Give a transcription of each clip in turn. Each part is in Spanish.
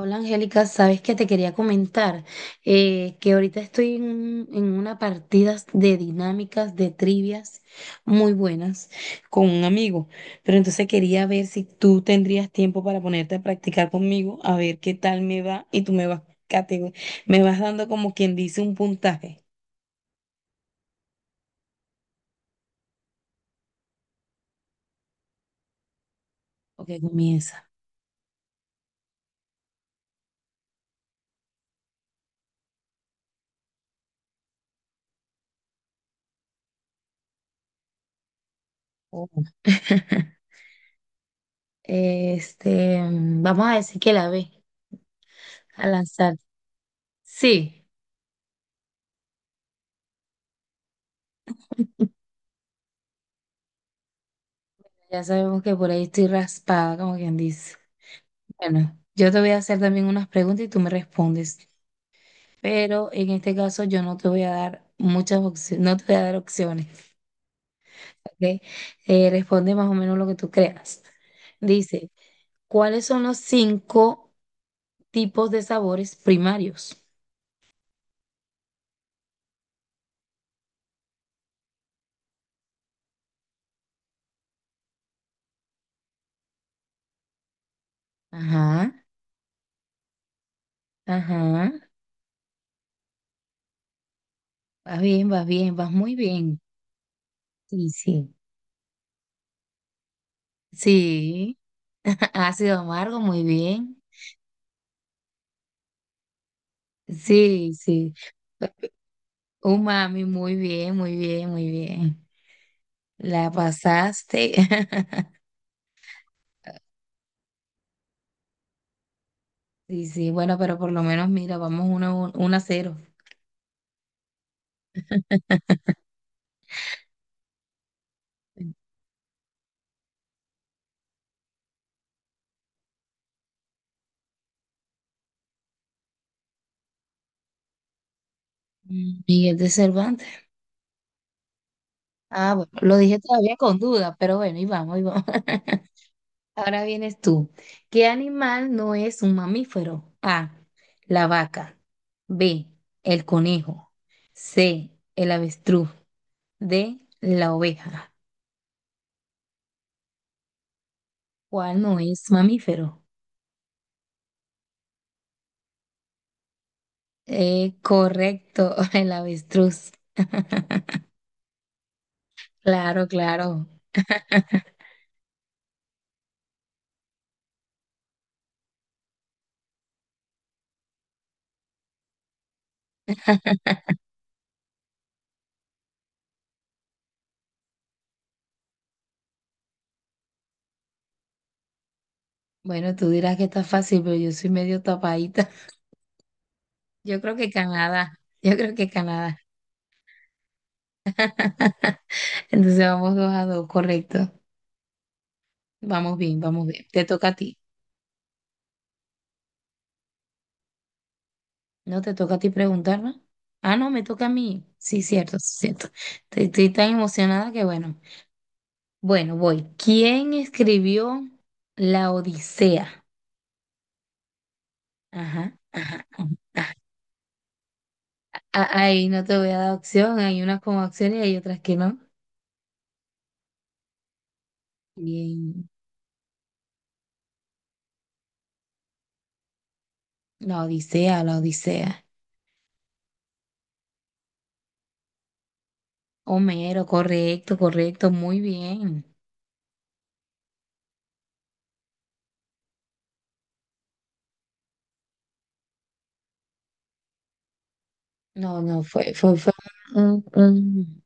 Hola Angélica, sabes que te quería comentar, que ahorita estoy en una partida de dinámicas, de trivias muy buenas con un amigo, pero entonces quería ver si tú tendrías tiempo para ponerte a practicar conmigo, a ver qué tal me va y tú catego- me vas dando como quien dice un puntaje. Ok, comienza. Oh. Este, vamos a decir que la ve a lanzar. Sí, ya sabemos que por ahí estoy raspada, como quien dice. Bueno, yo te voy a hacer también unas preguntas y tú me respondes, pero en este caso yo no te voy a dar muchas opciones, no te voy a dar opciones, ¿ok? Responde más o menos lo que tú creas. Dice, ¿cuáles son los cinco tipos de sabores primarios? Ajá, ajá, vas bien, vas bien, vas muy bien. Sí, sí, sí, ácido amargo, muy bien. Sí, sí. Umami, muy bien, muy bien, muy bien. La pasaste. Sí, sí, bueno, pero por lo menos mira, vamos uno a 0. Miguel de Cervantes. Ah, bueno, lo dije todavía con duda, pero bueno, y vamos, y vamos. Ahora vienes tú. ¿Qué animal no es un mamífero? A, la vaca. B, el conejo. C, el avestruz. D, la oveja. ¿Cuál no es mamífero? Correcto, el avestruz. Claro, claro. Bueno, tú dirás que está fácil, pero yo soy medio tapadita. Yo creo que Canadá. Yo creo que Canadá. Entonces vamos dos a dos, correcto. Vamos bien, vamos bien. Te toca a ti. No te toca a ti preguntar, ¿no? Ah, no, me toca a mí. Sí, cierto, sí, cierto. Estoy tan emocionada que bueno. Bueno, voy. ¿Quién escribió La Odisea? Ajá. Ajá. Ahí no te voy a dar opción. Hay unas con opciones y hay otras que no. Bien. La Odisea, la Odisea. Homero, correcto, correcto. Muy bien. No, no, fue un, un-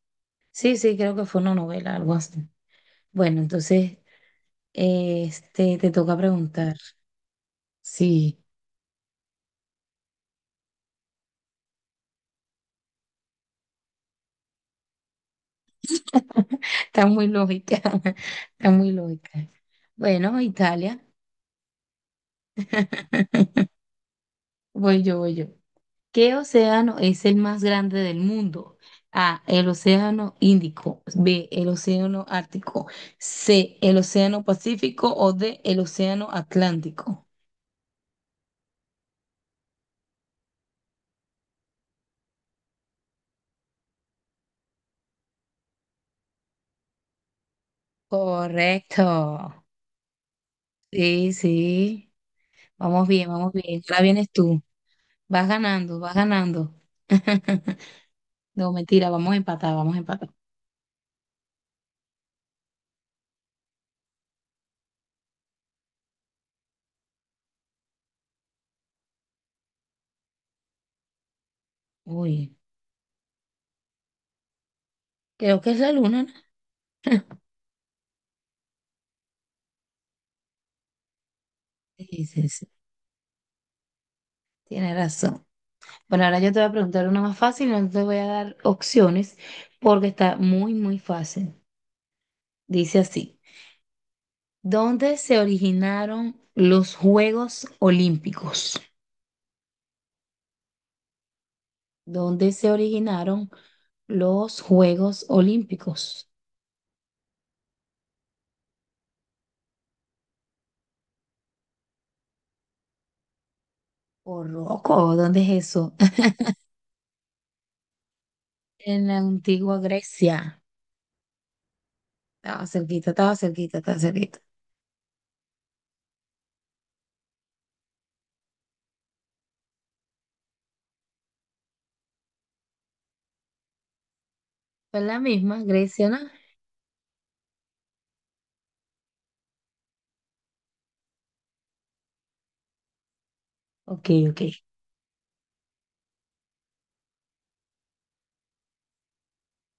Sí, sí, creo que fue una novela, algo así. Bueno, entonces, este, te toca preguntar. Sí, está muy lógica, está muy lógica. Bueno, Italia. Voy yo, voy yo. ¿Qué océano es el más grande del mundo? A, el océano Índico. B, el océano Ártico. C, el océano Pacífico o D, el océano Atlántico. Correcto. Sí, sí, vamos bien, vamos bien. Ahora vienes tú. Vas ganando, vas ganando. No, mentira, vamos a empatar, vamos a empatar. Uy, creo que es la luna, ¿no? Sí, sí, sí, tienes razón. Bueno, ahora yo te voy a preguntar una más fácil, no te voy a dar opciones porque está muy, muy fácil. Dice así, ¿dónde se originaron los Juegos Olímpicos? ¿Dónde se originaron los Juegos Olímpicos? Por loco, ¿dónde es eso? En la antigua Grecia. Estaba cerquita, estaba cerquita, estaba cerquita. Fue la misma, Grecia, ¿no? Ok, ok.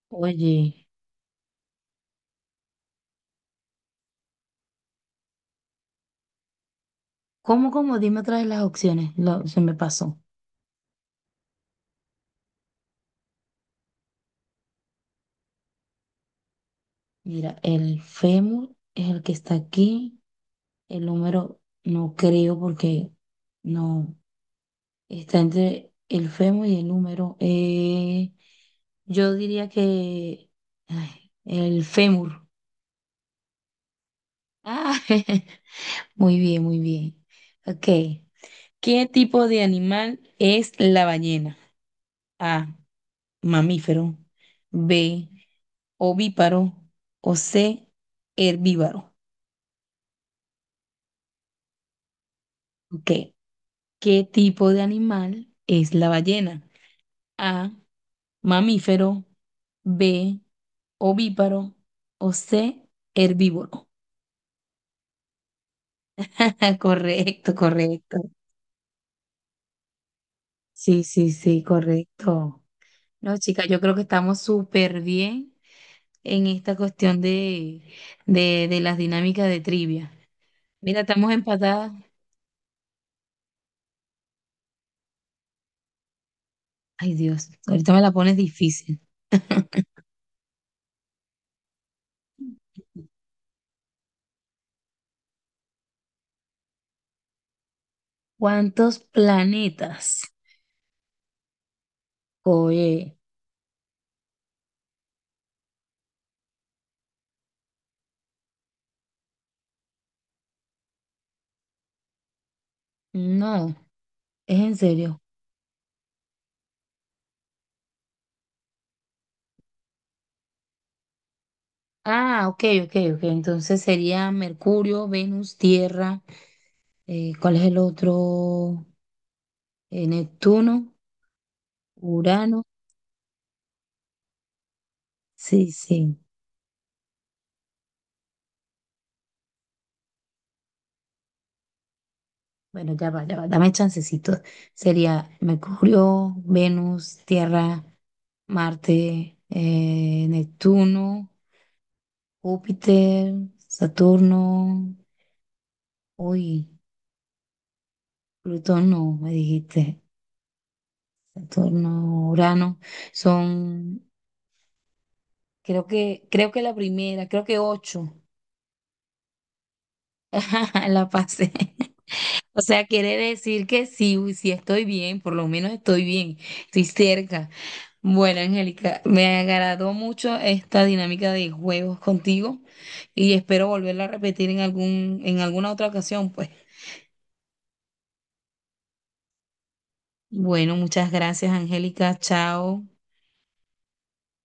Oye, ¿cómo, cómo? Dime otra vez las opciones. Se me pasó. Mira, el fémur es el que está aquí. El número no creo porque no está entre el fémur y el número. Yo diría que, ay, el fémur. Ah, muy bien, muy bien. Ok. ¿Qué tipo de animal es la ballena? A, mamífero, B, ovíparo o C, herbívoro. Ok, ¿qué tipo de animal es la ballena? A, mamífero, B, ovíparo o C, herbívoro. Correcto, correcto. Sí, sí, sí, correcto. No, chicas, yo creo que estamos súper bien en esta cuestión de las dinámicas de trivia. Mira, estamos empatadas. Ay, Dios, ahorita me la pones difícil. ¿Cuántos planetas? Oye, no, es en serio. Ah, ok, ok, ok. Entonces sería Mercurio, Venus, Tierra, ¿cuál es el otro? Neptuno, Urano. Sí, sí. Bueno, ya va, dame chancecito. Sería Mercurio, Venus, Tierra, Marte, Neptuno, Júpiter, Saturno, uy, Plutón no, me dijiste. Saturno, Urano, son, creo que la primera, creo que ocho. La pasé. O sea, quiere decir que sí, uy, sí estoy bien, por lo menos estoy bien, estoy cerca. Bueno, Angélica, me agradó mucho esta dinámica de juegos contigo y espero volverla a repetir en alguna otra ocasión, pues. Bueno, muchas gracias, Angélica. Chao.